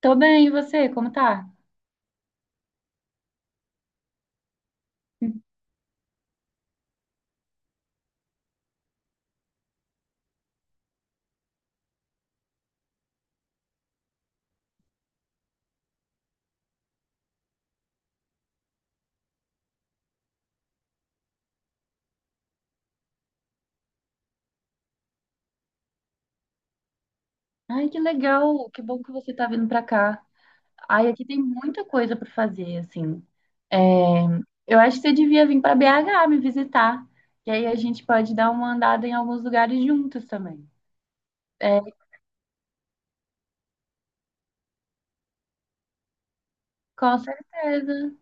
Tô bem, e você? Como tá? Ai, que legal! Que bom que você tá vindo pra cá. Ai, aqui tem muita coisa pra fazer, assim. É, eu acho que você devia vir pra BH me visitar, que aí a gente pode dar uma andada em alguns lugares juntos também. É, com certeza.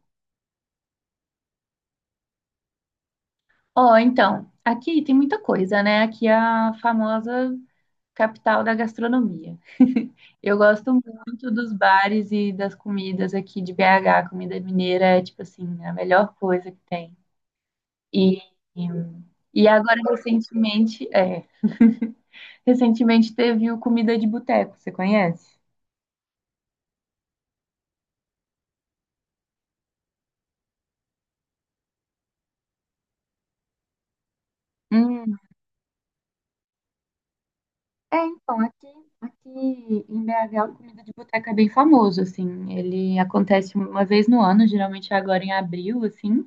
Ó, então, aqui tem muita coisa, né? Aqui é a famosa capital da gastronomia. Eu gosto muito dos bares e das comidas aqui de BH. Comida mineira é, tipo assim, a melhor coisa que tem. E, e agora, recentemente, recentemente teve o Comida de Boteco, você conhece? Hum, é, então, aqui em BH, o comida de boteca é bem famoso, assim. Ele acontece uma vez no ano, geralmente agora em abril, assim.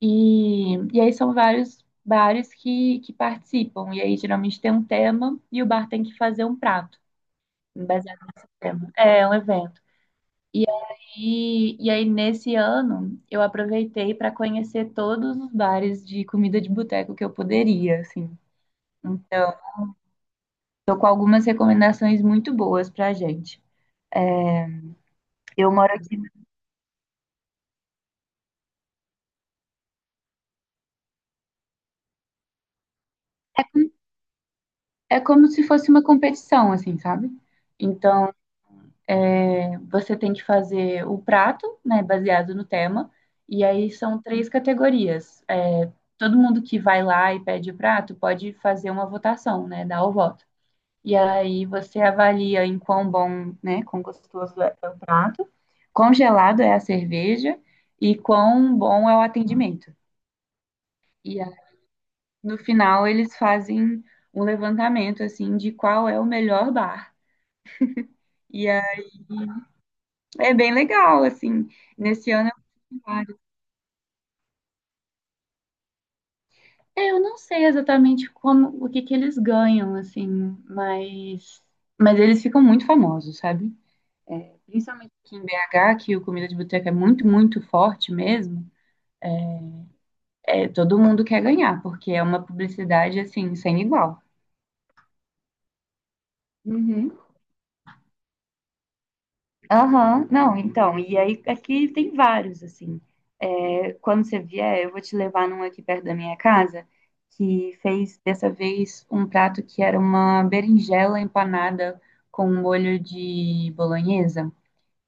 E aí são vários bares que participam. E aí geralmente tem um tema e o bar tem que fazer um prato baseado nesse tema. É, um evento. E aí, nesse ano, eu aproveitei para conhecer todos os bares de comida de boteco que eu poderia, assim. Então, tô com algumas recomendações muito boas pra gente. Eu moro aqui. É como se fosse uma competição, assim, sabe? Então, é, você tem que fazer o prato, né, baseado no tema. E aí, são três categorias. É, todo mundo que vai lá e pede o prato pode fazer uma votação, né, dar o voto. E aí você avalia em quão bom, né, quão gostoso é o prato, quão gelado é a cerveja e quão bom é o atendimento. E aí, no final eles fazem um levantamento assim de qual é o melhor bar. E aí é bem legal assim. Nesse ano eu fui vários. É, eu não sei exatamente como o que que eles ganham assim, mas mas eles ficam muito famosos, sabe? É, principalmente aqui em BH, que o Comida de Boteca é muito, muito forte mesmo, é, todo mundo quer ganhar, porque é uma publicidade, assim, sem igual. Uhum. Aham, não, então, e aí aqui tem vários, assim. É, quando você vier, eu vou te levar num aqui perto da minha casa, que fez dessa vez um prato que era uma berinjela empanada com molho de bolonhesa.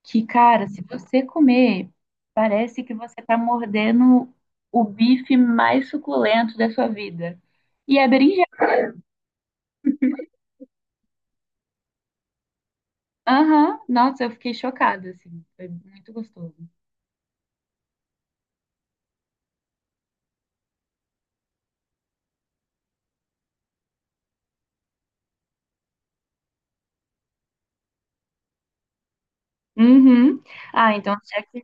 Que, cara, se você comer, parece que você tá mordendo o bife mais suculento da sua vida. E é berinjela. Aham, nossa, eu fiquei chocada, assim. Foi muito gostoso. Uhum. Ah, então, já que...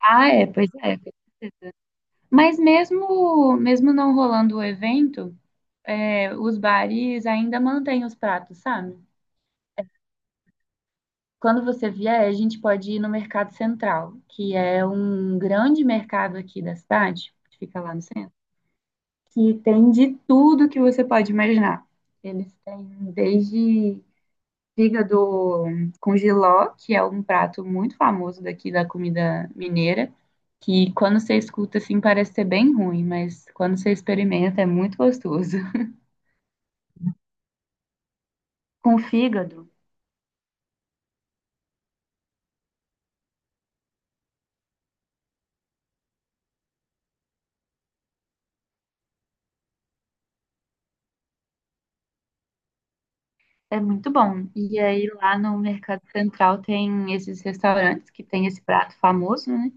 Ah, é, pois é. Com certeza. Mas mesmo, mesmo não rolando o evento, é, os bares ainda mantêm os pratos, sabe? Quando você vier, a gente pode ir no Mercado Central, que é um grande mercado aqui da cidade, que fica lá no centro. Que tem de tudo que você pode imaginar. Eles têm desde fígado com giló, que é um prato muito famoso daqui da comida mineira, que quando você escuta assim parece ser bem ruim, mas quando você experimenta é muito gostoso. Com fígado, é muito bom. E aí lá no Mercado Central tem esses restaurantes que tem esse prato famoso, né?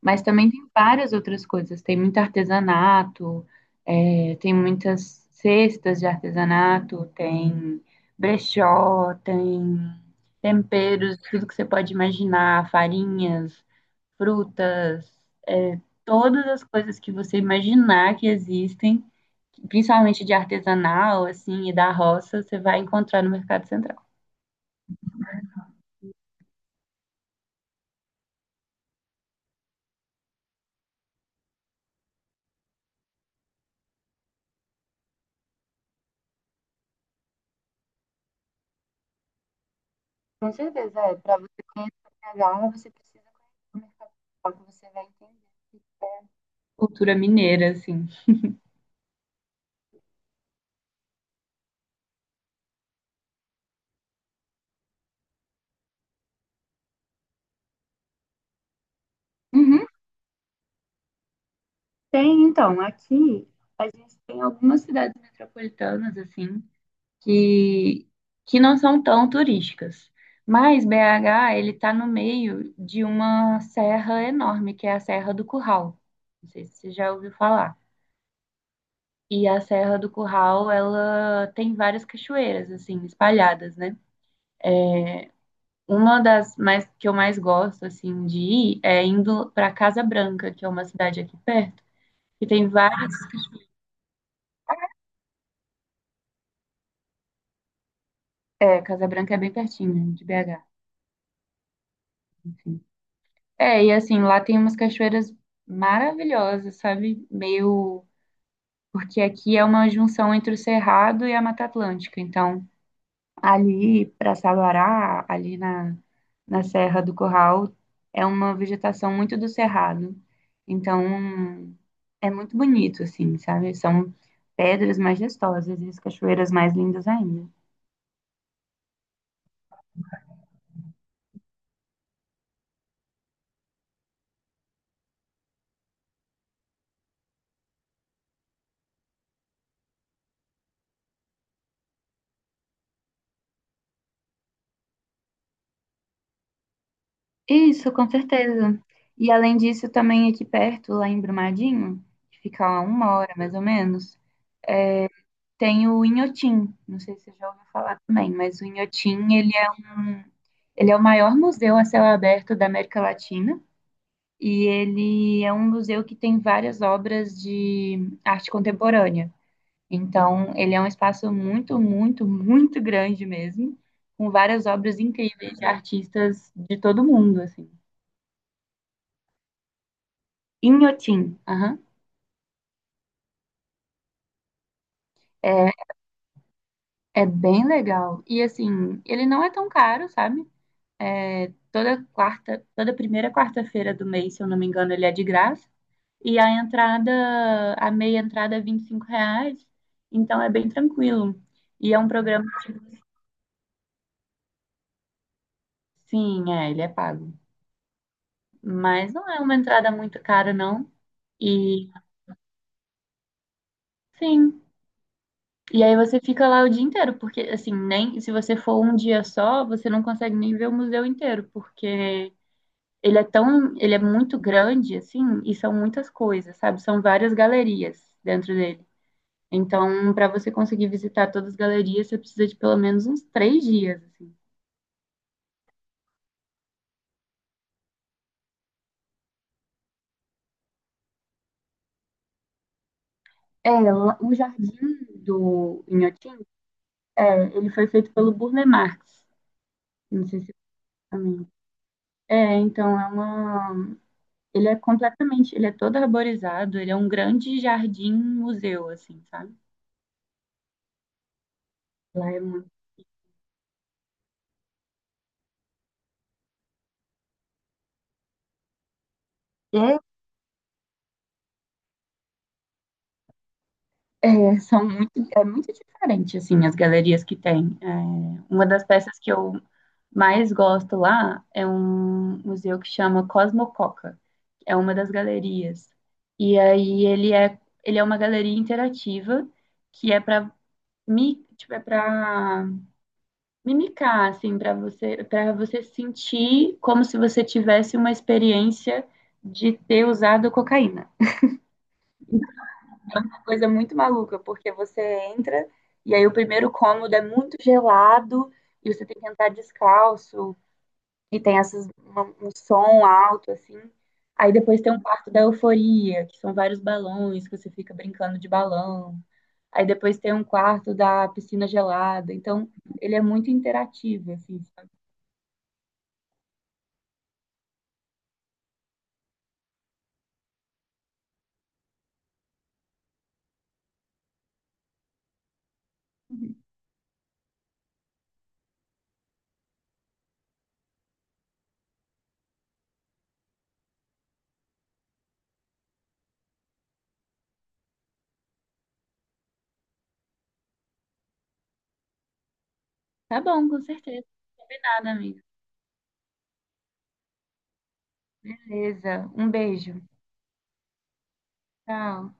Mas também tem várias outras coisas. Tem muito artesanato, é, tem muitas cestas de artesanato, tem brechó, tem temperos, tudo que você pode imaginar, farinhas, frutas, todas as coisas que você imaginar que existem, principalmente de artesanal, assim, e da roça, você vai encontrar no Mercado Central. Com certeza, é. Para você conhecer Cagá, você precisa conhecer o mercado local, que você vai entender. Cultura mineira, assim. Uhum. Tem, então, aqui a gente tem algumas cidades metropolitanas, assim, que, que não são tão turísticas. Mas BH, ele tá no meio de uma serra enorme, que é a Serra do Curral. Não sei se você já ouviu falar. E a Serra do Curral, ela tem várias cachoeiras, assim, espalhadas, né? Uma das mais que eu mais gosto assim de ir é indo para Casa Branca, que é uma cidade aqui perto, que tem várias. É, Casa Branca é bem pertinho né, de BH, enfim. É, e assim, lá tem umas cachoeiras maravilhosas, sabe? Meio. Porque aqui é uma junção entre o Cerrado e a Mata Atlântica. Então, ali para Sabará, ali na Serra do Curral, é uma vegetação muito do cerrado. Então, é muito bonito, assim, sabe? São pedras majestosas e as cachoeiras mais lindas ainda. Isso, com certeza. E além disso, também aqui perto, lá em Brumadinho, que fica a 1 hora mais ou menos, tem o Inhotim. Não sei se você já ouviu falar também, mas o Inhotim, ele é, um, ele é o maior museu a céu aberto da América Latina. E ele é um museu que tem várias obras de arte contemporânea. Então, ele é um espaço muito, muito, muito grande mesmo, com várias obras incríveis de artistas de todo mundo, assim. Inhotim, aham. É, é bem legal. E assim, ele não é tão caro, sabe? É, toda quarta, toda primeira quarta-feira do mês, se eu não me engano, ele é de graça. E a entrada, a meia entrada é 25 reais, então é bem tranquilo. E é um programa que, sim, é, ele é pago. Mas não é uma entrada muito cara, não. E sim. E aí você fica lá o dia inteiro, porque assim, nem se você for um dia só, você não consegue nem ver o museu inteiro, porque ele é tão, ele é muito grande, assim, e são muitas coisas, sabe? São várias galerias dentro dele. Então, para você conseguir visitar todas as galerias, você precisa de pelo menos uns 3 dias, assim. É, lá- o jardim do Inhotim, é, ele foi feito pelo Burle Marx. Não sei se você também. É, então é uma. Ele é completamente, ele é todo arborizado, ele é um grande jardim museu, assim, sabe? Lá é muito. É, é, são muito, é muito diferente, assim, as galerias que tem. É, uma das peças que eu mais gosto lá é um museu que chama Cosmococa. É uma das galerias. E aí ele é uma galeria interativa que é para mi, tipo, é para mimicar, assim, para você sentir como se você tivesse uma experiência de ter usado cocaína. Coisa muito maluca, porque você entra e aí o primeiro cômodo é muito gelado e você tem que entrar descalço e tem essas, uma- um som alto, assim. Aí depois tem um quarto da euforia, que são vários balões, que você fica brincando de balão. Aí depois tem um quarto da piscina gelada. Então, ele é muito interativo, assim. Sabe? Tá bom, com certeza. Combinado, amiga. Beleza. Um beijo. Tchau.